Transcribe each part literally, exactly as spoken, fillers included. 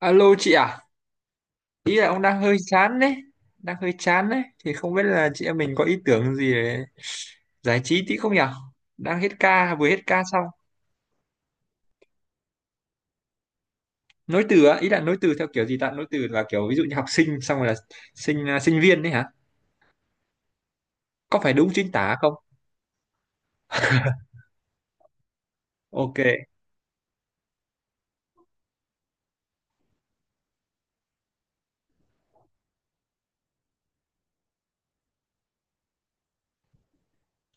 Alo chị à, ý là ông đang hơi chán đấy, đang hơi chán đấy, thì không biết là chị em mình có ý tưởng gì để giải trí tí không nhỉ? Đang hết ca, vừa hết ca xong. Nối từ á, ý là nối từ theo kiểu gì ta? Nối từ là kiểu ví dụ như học sinh xong rồi là sinh à, sinh viên đấy hả? Có phải đúng chính tả không? Ok.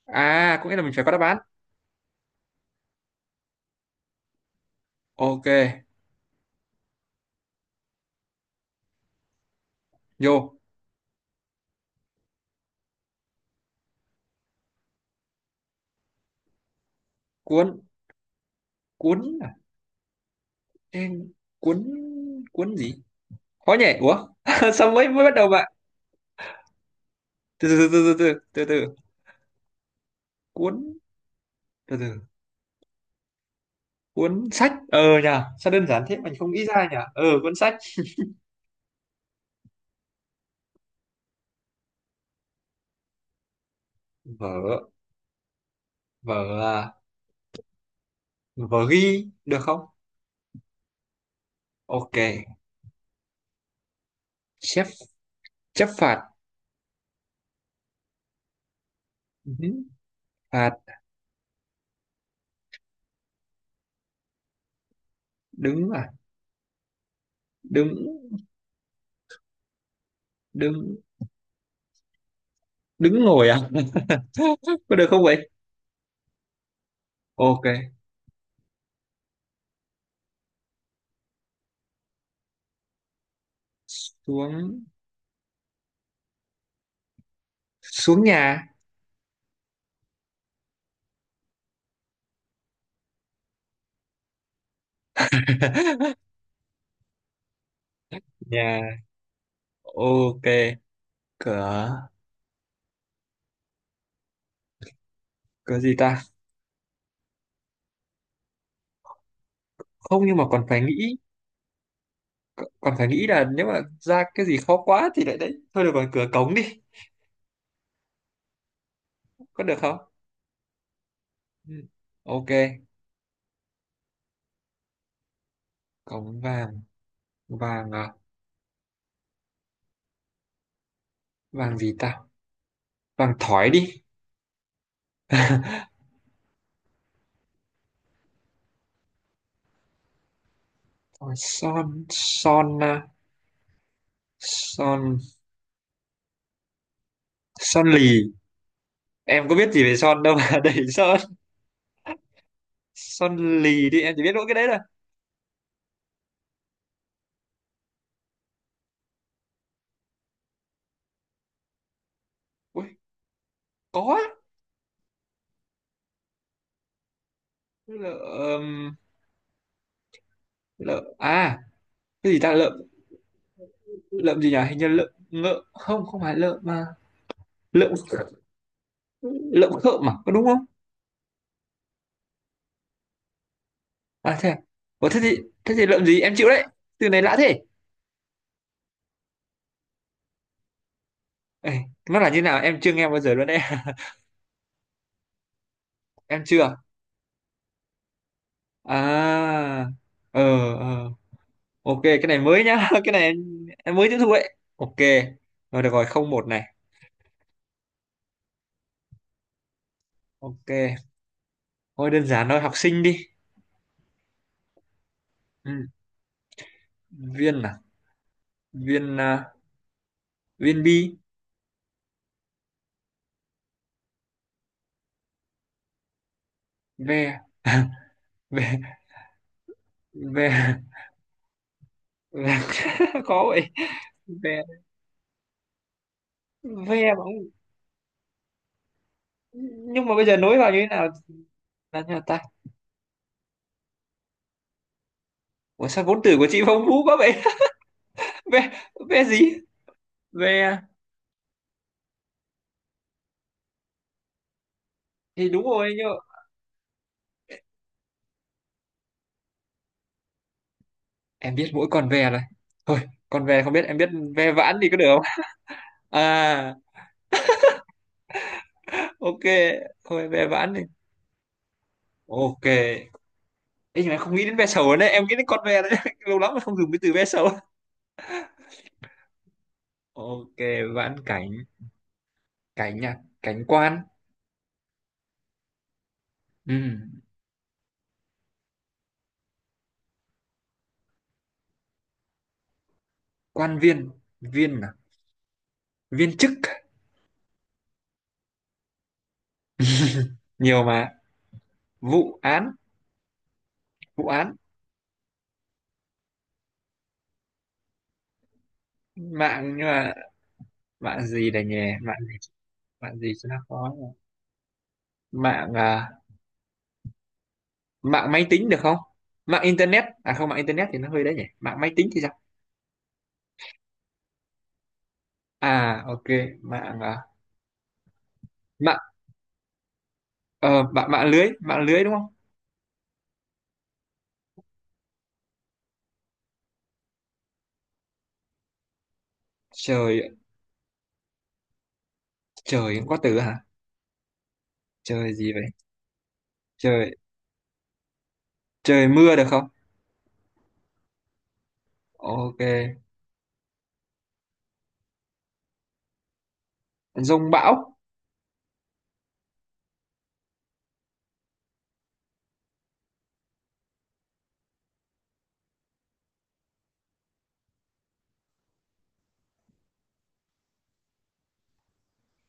À, có nghĩa là mình phải có đáp án. Ok. Vô. Cuốn. Cuốn à? Ê, cuốn cuốn gì? Khó nhỉ? Ủa? Sao mới mới bắt đầu bạn? Từ từ từ từ từ từ từ. từ. Cuốn, từ từ cuốn sách. Ờ nhờ Sao đơn giản thế mình không nghĩ ra nhờ. ờ Cuốn sách vở. Vở à, vở ghi được không? Ok. chép Chép phạt. Ừ, phạt đứng à? Đứng đứng Đứng ngồi à? Có được không vậy? Ok. Xuống, xuống nhà. Nhà. Ok. Cửa, cửa gì ta? Không nhưng mà còn phải nghĩ, còn phải nghĩ là nếu mà ra cái gì khó quá thì lại đấy thôi. Được rồi, cửa cống đi. Có được không? Ừ, ok. Cống vàng, vàng à, vàng gì ta? Vàng thỏi đi. Son, son à, son. Son lì. Em có biết gì về son đâu mà. Đẩy son. Son lì đi, em chỉ biết mỗi cái đấy thôi. Ui, có á. Lợm, lợm à, cái gì ta lợm? Lợm gì nhỉ, hình như lợm ngợ, không không phải lợm mà. Lợm, lợm khợm mà, có đúng không? À thế à? Ủa, thế thì, thế thì lợm gì em chịu đấy, từ này lạ thế. Ê, nó là như nào em chưa nghe bao giờ luôn đấy. Em chưa à? à ờ ờ ok, cái này mới nhá. Cái này em, em mới tiếp thu ấy. Ok, rồi được rồi, không một này. Ok, thôi đơn giản thôi, học sinh đi. Ừ. Viên à, viên à, viên bi. Ve. Ve, ve, ve. Khó vậy. Ve, ve mà không-. Nhưng mà bây giờ nối vào như thế nào, là như nào ta? Ủa sao vốn từ của chị phong phú quá vậy. Ve, ve gì, ve? Thì đúng rồi. Em biết mỗi con ve này thôi, con ve không biết em biết. Ve vãn thì có được không? À, ok, thôi ve vãn đi. Ok. Ê, nhưng mà em không nghĩ đến ve sầu nữa, em nghĩ đến con ve đấy. Lâu lắm mà không dùng cái từ ve sầu. Ok. Vãn cảnh, cảnh à, cảnh quan. Ừ. Quan viên, viên à, viên chức. Nhiều mà. Vụ án. Vụ án mạng, nhưng mà mạng gì đây nhỉ? Mạng gì? Mạng gì cho nó khó nhỉ? Mạng à, mạng máy tính được không? Mạng internet, à không, mạng internet thì nó hơi đấy nhỉ, mạng máy tính thì sao? À ok. Mạng à, mạng. ờ mạng mạng lưới, mạng lưới đúng không? Trời. Trời cũng có từ hả? Trời gì vậy? Trời, trời mưa được không? Ok. Dông bão.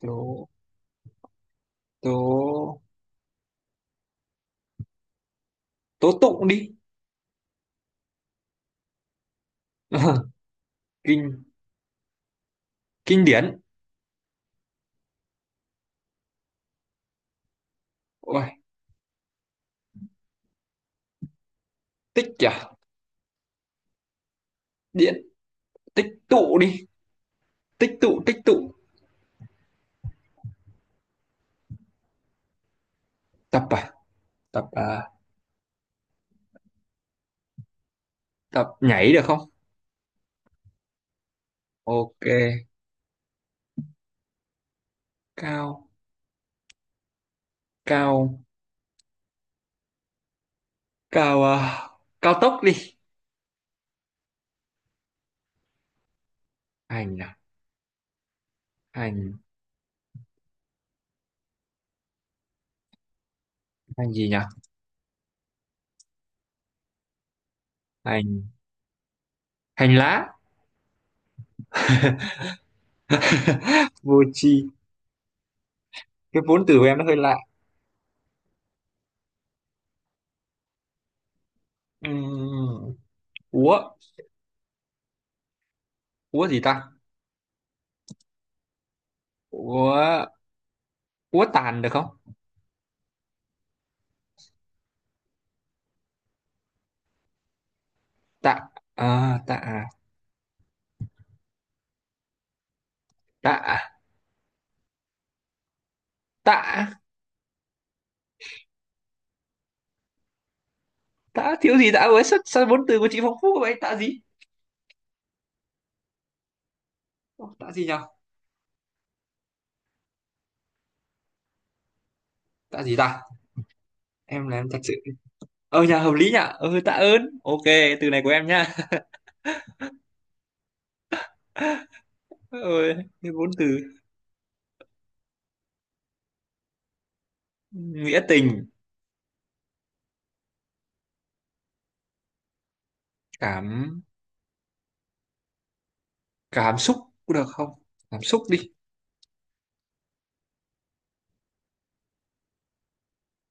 Tố, tố, tố tụng đi. Kinh, kinh điển. Ôi, tích à. Điện tích tụ đi. Tích tụ, tích tụ. Tập à, tập à, tập nhảy được không? Ok. Cao, cao, cao ờ, cao tốc đi. Hành à, hành. Hành gì nhỉ? Hành, hành lá. Vô tri, cái vốn từ của em nó hơi lạ. Ừm, úa, úa gì ta? Úa, úa tàn được không? Tạ, à, tạ, tạ, tạ. Tạ thiếu gì tạ với, sao, sao vốn từ của chị phong phú vậy? Tạ gì? Tạ gì nhỉ? Tạ gì ta? Em là em thật sự. Ờ nhà hợp lý nhỉ, ờ tạ ơn ok. Từ này của em nha. Ôi, cái vốn từ. Nghĩa tình cảm. Cảm xúc cũng được không? Cảm xúc đi.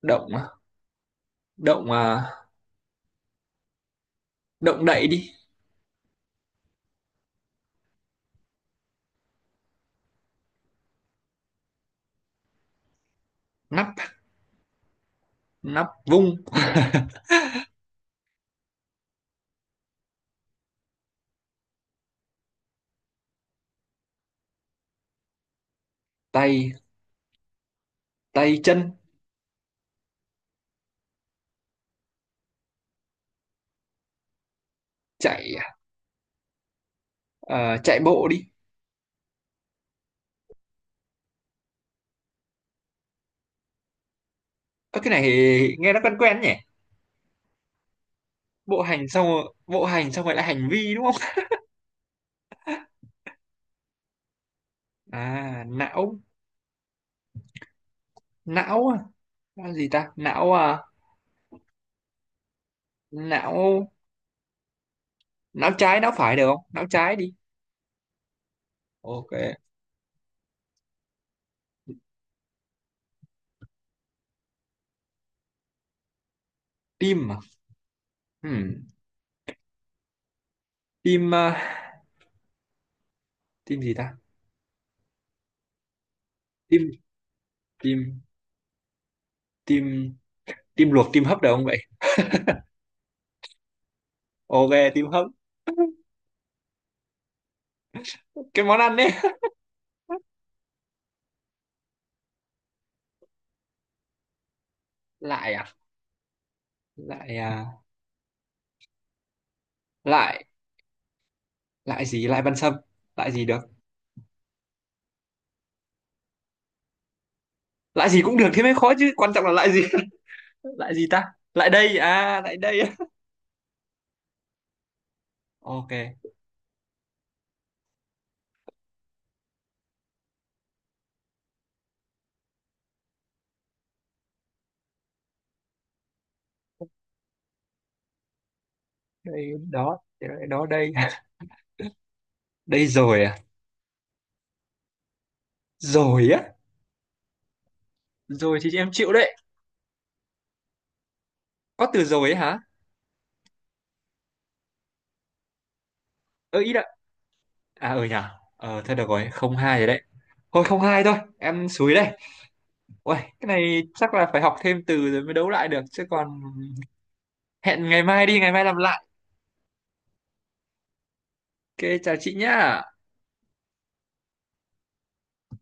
Động à, động à, động đậy đi. Nắp, nắp vung. Tay, tay chân. Chạy à, ờ, chạy bộ đi. Ơ, cái này nghe nó quen quen nhỉ. Bộ hành xong rồi, bộ hành xong rồi lại hành vi đúng không? À não. Não là gì ta? Não à, não. Não trái não phải được không, não trái đi. Ok. Tim à. Hmm. Tim à, tim gì ta? Tim, tim, tim. Tim luộc, tim hấp được không vậy? Ok, tim hấp, cái món ăn đấy. Lại à, lại à, lại. Lại gì, lại Văn Sâm, lại gì được? Lại gì cũng được, thế mới khó chứ, quan trọng là lại gì. Lại gì ta, lại đây à, lại đây á. Ok. Đây đó. Thế đó đây. Đây rồi à. Rồi á. Rồi thì em chịu đấy, có từ rồi ấy hả. Ơ ý đã. À ở nhà ờ thôi được rồi, không hai rồi đấy, thôi không hai thôi em xúi đây. Ôi cái này chắc là phải học thêm từ rồi mới đấu lại được chứ còn. Hẹn ngày mai đi, ngày mai làm lại. Ok, chào chị nhá.